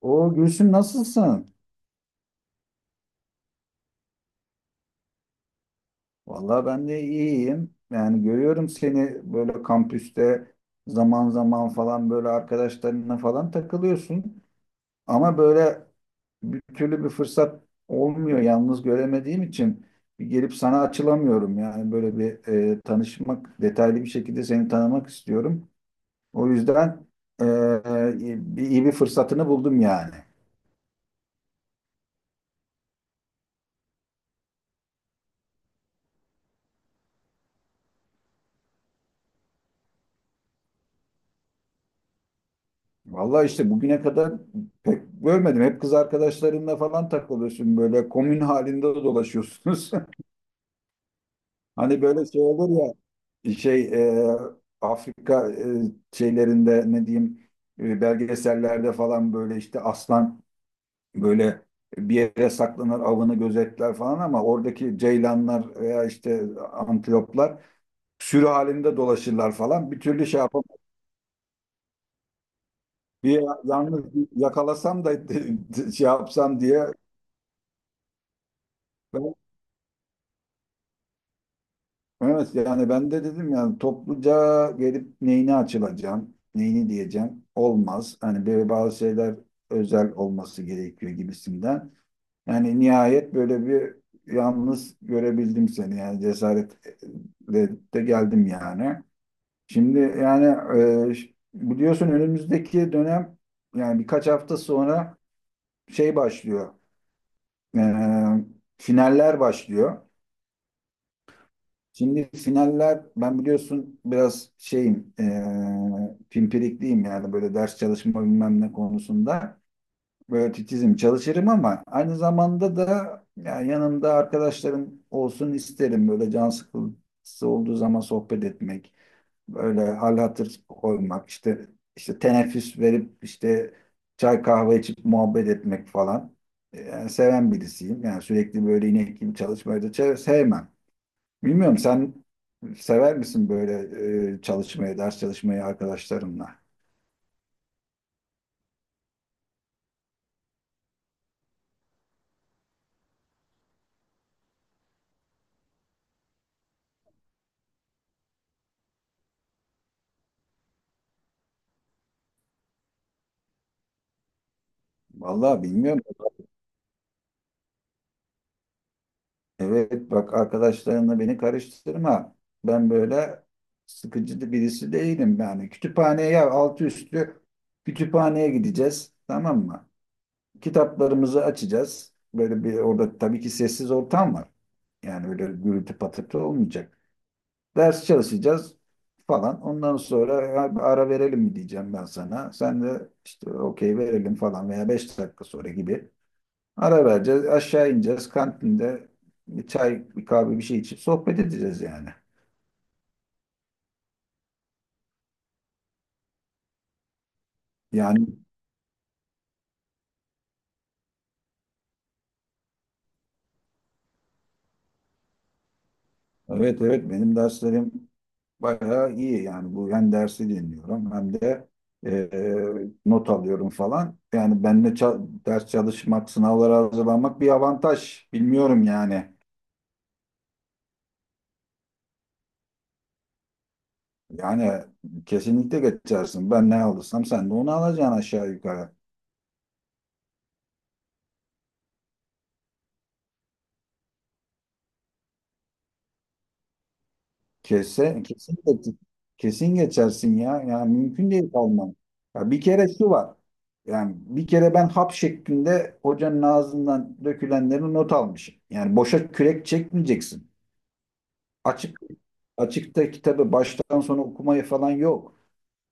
O Gülsüm, nasılsın? Vallahi ben de iyiyim. Yani görüyorum seni böyle kampüste zaman zaman falan böyle arkadaşlarına falan takılıyorsun. Ama böyle bir türlü bir fırsat olmuyor, yalnız göremediğim için bir gelip sana açılamıyorum. Yani böyle bir tanışmak, detaylı bir şekilde seni tanımak istiyorum. O yüzden e, e, iyi bir fırsatını buldum yani. Vallahi işte bugüne kadar pek görmedim. Hep kız arkadaşlarınla falan takılıyorsun, böyle komün halinde dolaşıyorsunuz. Hani böyle şey olur ya, şey Afrika şeylerinde, ne diyeyim, belgesellerde falan böyle işte aslan böyle bir yere saklanır, avını gözetler falan, ama oradaki ceylanlar veya işte antiloplar sürü halinde dolaşırlar falan. Bir türlü şey yapamam. Bir yalnız yakalasam da şey yapsam diye ben evet yani ben de dedim, yani topluca gelip neyini açılacağım, neyini diyeceğim, olmaz. Hani böyle bazı şeyler özel olması gerekiyor gibisinden. Yani nihayet böyle bir yalnız görebildim seni, yani cesaretle de geldim yani. Şimdi yani biliyorsun önümüzdeki dönem, yani birkaç hafta sonra, şey başlıyor. E, Finaller başlıyor. Şimdi finaller, ben biliyorsun biraz şeyim pimpirikliyim, yani böyle ders çalışma bilmem ne konusunda böyle titizim, çalışırım, ama aynı zamanda da yani yanımda arkadaşlarım olsun isterim, böyle can sıkıntısı olduğu zaman sohbet etmek, böyle hal hatır koymak, işte işte teneffüs verip işte çay kahve içip muhabbet etmek falan, yani seven birisiyim. Yani sürekli böyle inek gibi çalışmayı da sevmem. Bilmiyorum, sen sever misin böyle çalışmayı, ders çalışmayı, arkadaşlarınla? Vallahi bilmiyorum. Evet bak, arkadaşlarınla beni karıştırma. Ben böyle sıkıcı birisi değilim yani. Kütüphaneye, ya altı üstü kütüphaneye gideceğiz, tamam mı? Kitaplarımızı açacağız. Böyle bir orada tabii ki sessiz ortam var. Yani öyle gürültü patırtı olmayacak. Ders çalışacağız falan. Ondan sonra, ya bir ara verelim mi, diyeceğim ben sana. Sen de işte okey verelim falan, veya 5 dakika sonra gibi. Ara vereceğiz. Aşağı ineceğiz. Kantinde bir çay, bir kahve, bir şey içip sohbet edeceğiz yani. Yani evet evet, benim derslerim bayağı iyi yani. Bu hem dersi dinliyorum hem de e, not alıyorum falan. Yani benimle ders çalışmak, sınavlara hazırlanmak bir avantaj. Bilmiyorum yani. Yani kesinlikle geçersin. Ben ne alırsam sen de onu alacaksın, aşağı yukarı. Kesse, kesin, geç- kesin geçersin ya. Yani mümkün değil kalman. Ya bir kere şu var. Yani bir kere ben hap şeklinde hocanın ağzından dökülenleri not almışım. Yani boşa kürek çekmeyeceksin. Açık açıkta kitabı baştan sona okumayı falan yok.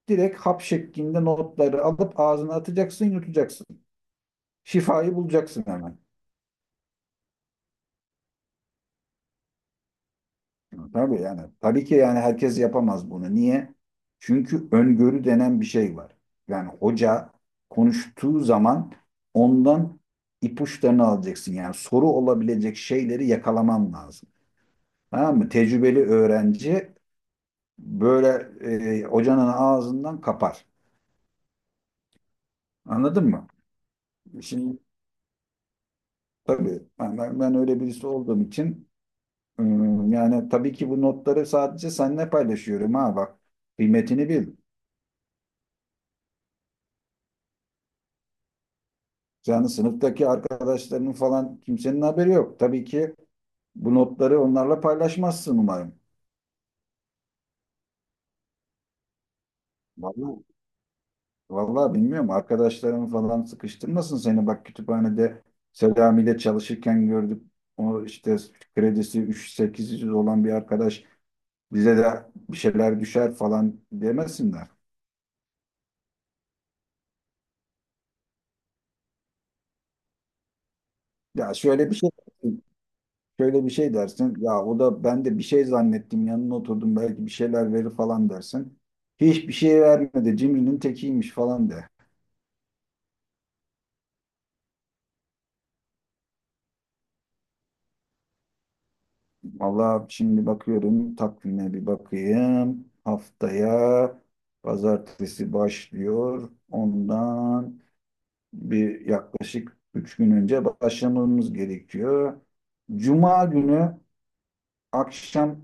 Direkt hap şeklinde notları alıp ağzına atacaksın, yutacaksın. Şifayı bulacaksın hemen. Tabii yani. Tabii ki yani, herkes yapamaz bunu. Niye? Çünkü öngörü denen bir şey var. Yani hoca konuştuğu zaman ondan ipuçlarını alacaksın. Yani soru olabilecek şeyleri yakalaman lazım. Tamam mı? Tecrübeli öğrenci böyle hocanın ağzından kapar. Anladın mı? Şimdi tabii ben öyle birisi olduğum için, yani tabii ki bu notları sadece seninle paylaşıyorum, ha bak. Kıymetini bil. Yani sınıftaki arkadaşlarının falan, kimsenin haberi yok. Tabii ki bu notları onlarla paylaşmazsın umarım. Vallahi, vallahi bilmiyorum. Arkadaşların falan sıkıştırmasın seni. Bak, kütüphanede Selami ile çalışırken gördük. O işte kredisi 3-800 olan bir arkadaş, bize de bir şeyler düşer falan demesinler. Ya şöyle bir şey. Şöyle bir şey dersin. Ya o da, ben de bir şey zannettim, yanına oturdum, belki bir şeyler verir falan dersin. Hiçbir şey vermedi, cimrinin tekiymiş falan de. Valla şimdi bakıyorum takvime, bir bakayım. Haftaya pazartesi başlıyor. Ondan bir yaklaşık üç gün önce başlamamız gerekiyor. Cuma günü akşam,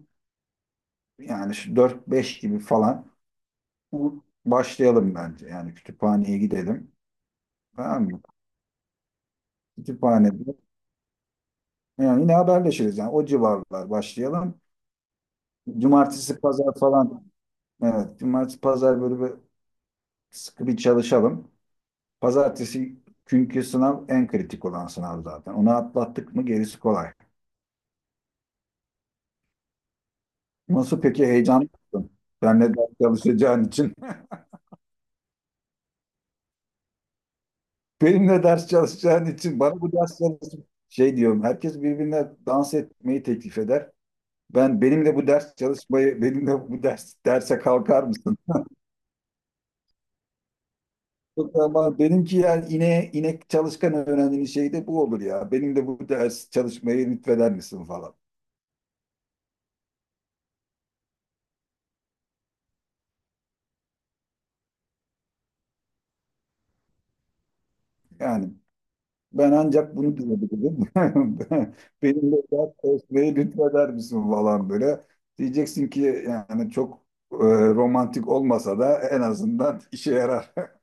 yani şu dört beş gibi falan başlayalım bence. Yani kütüphaneye gidelim. Tamam mı? Kütüphanede. Yani yine haberleşiriz yani, o civarlar başlayalım. Cumartesi, pazar falan. Evet, cumartesi, pazar böyle bir sıkı bir çalışalım. Pazartesi, çünkü sınav, en kritik olan sınav zaten. Onu atlattık mı gerisi kolay. Nasıl peki, heyecanlı mısın? Benle ders çalışacağın için. Benimle ders çalışacağın için. Bana bu ders çalışma. Şey diyorum, herkes birbirine dans etmeyi teklif eder. Ben, benimle bu ders çalışmayı, benimle bu ders derse kalkar mısın? Yok ama benimki yani inek çalışkan öğrendiğin şey de bu olur ya. Benim de bu ders çalışmayı lütfeder misin falan. Yani ben ancak bunu diyebilirim. Benim de ders çalışmayı lütfeder misin falan böyle. Diyeceksin ki yani çok e, romantik olmasa da en azından işe yarar.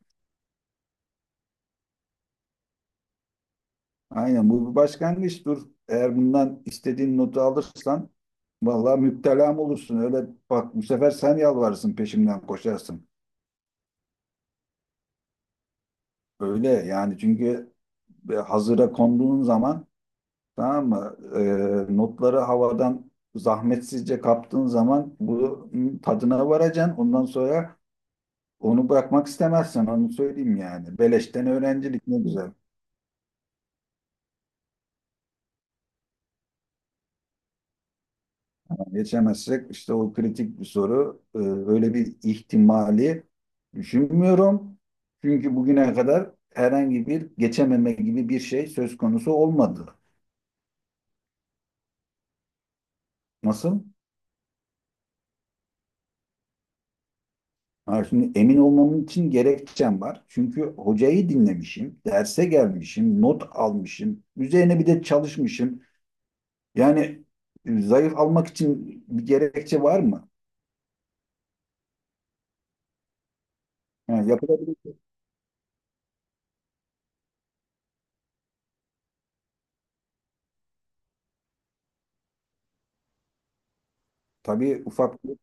Aynen, bu bir başlangıçtır. Eğer bundan istediğin notu alırsan vallahi müptelam olursun. Öyle bak, bu sefer sen yalvarırsın, peşimden koşarsın. Öyle yani, çünkü hazıra konduğun zaman, tamam mı? Notları havadan zahmetsizce kaptığın zaman bunun tadına varacaksın. Ondan sonra onu bırakmak istemezsen, onu söyleyeyim yani. Beleşten öğrencilik ne güzel. Yani geçemezsek işte, o kritik bir soru. Öyle bir ihtimali düşünmüyorum. Çünkü bugüne kadar herhangi bir geçememe gibi bir şey söz konusu olmadı. Nasıl? Ha, şimdi emin olmam için gerekçem var. Çünkü hocayı dinlemişim, derse gelmişim, not almışım, üzerine bir de çalışmışım. Yani zayıf almak için bir gerekçe var mı? Yani yapılabilir. Tabii ufak bir,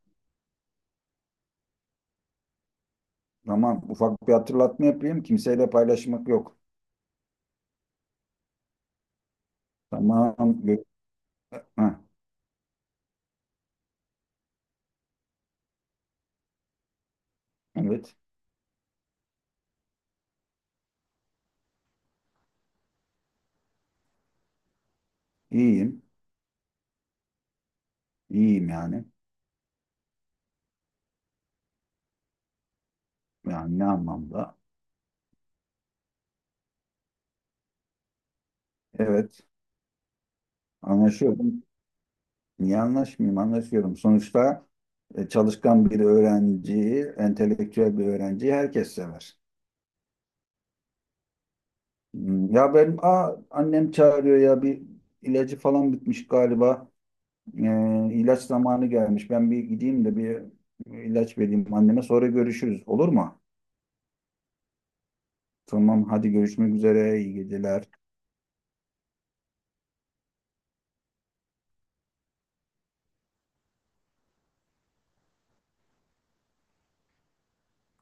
tamam, ufak bir hatırlatma yapayım. Kimseyle paylaşmak yok. Tamam. gö- Ha, evet. İyiyim. İyiyim yani. Yani ne anlamda? Evet. Anlaşıyorum. Niye anlaşmayayım? Anlaşıyorum. Sonuçta çalışkan bir öğrenciyi, entelektüel bir öğrenciyi herkes sever. Hmm, ya benim, annem çağırıyor, ya bir ilacı falan bitmiş galiba. İlaç zamanı gelmiş. Ben bir gideyim de bir ilaç vereyim anneme. Sonra görüşürüz, olur mu? Tamam, hadi görüşmek üzere. İyi geceler.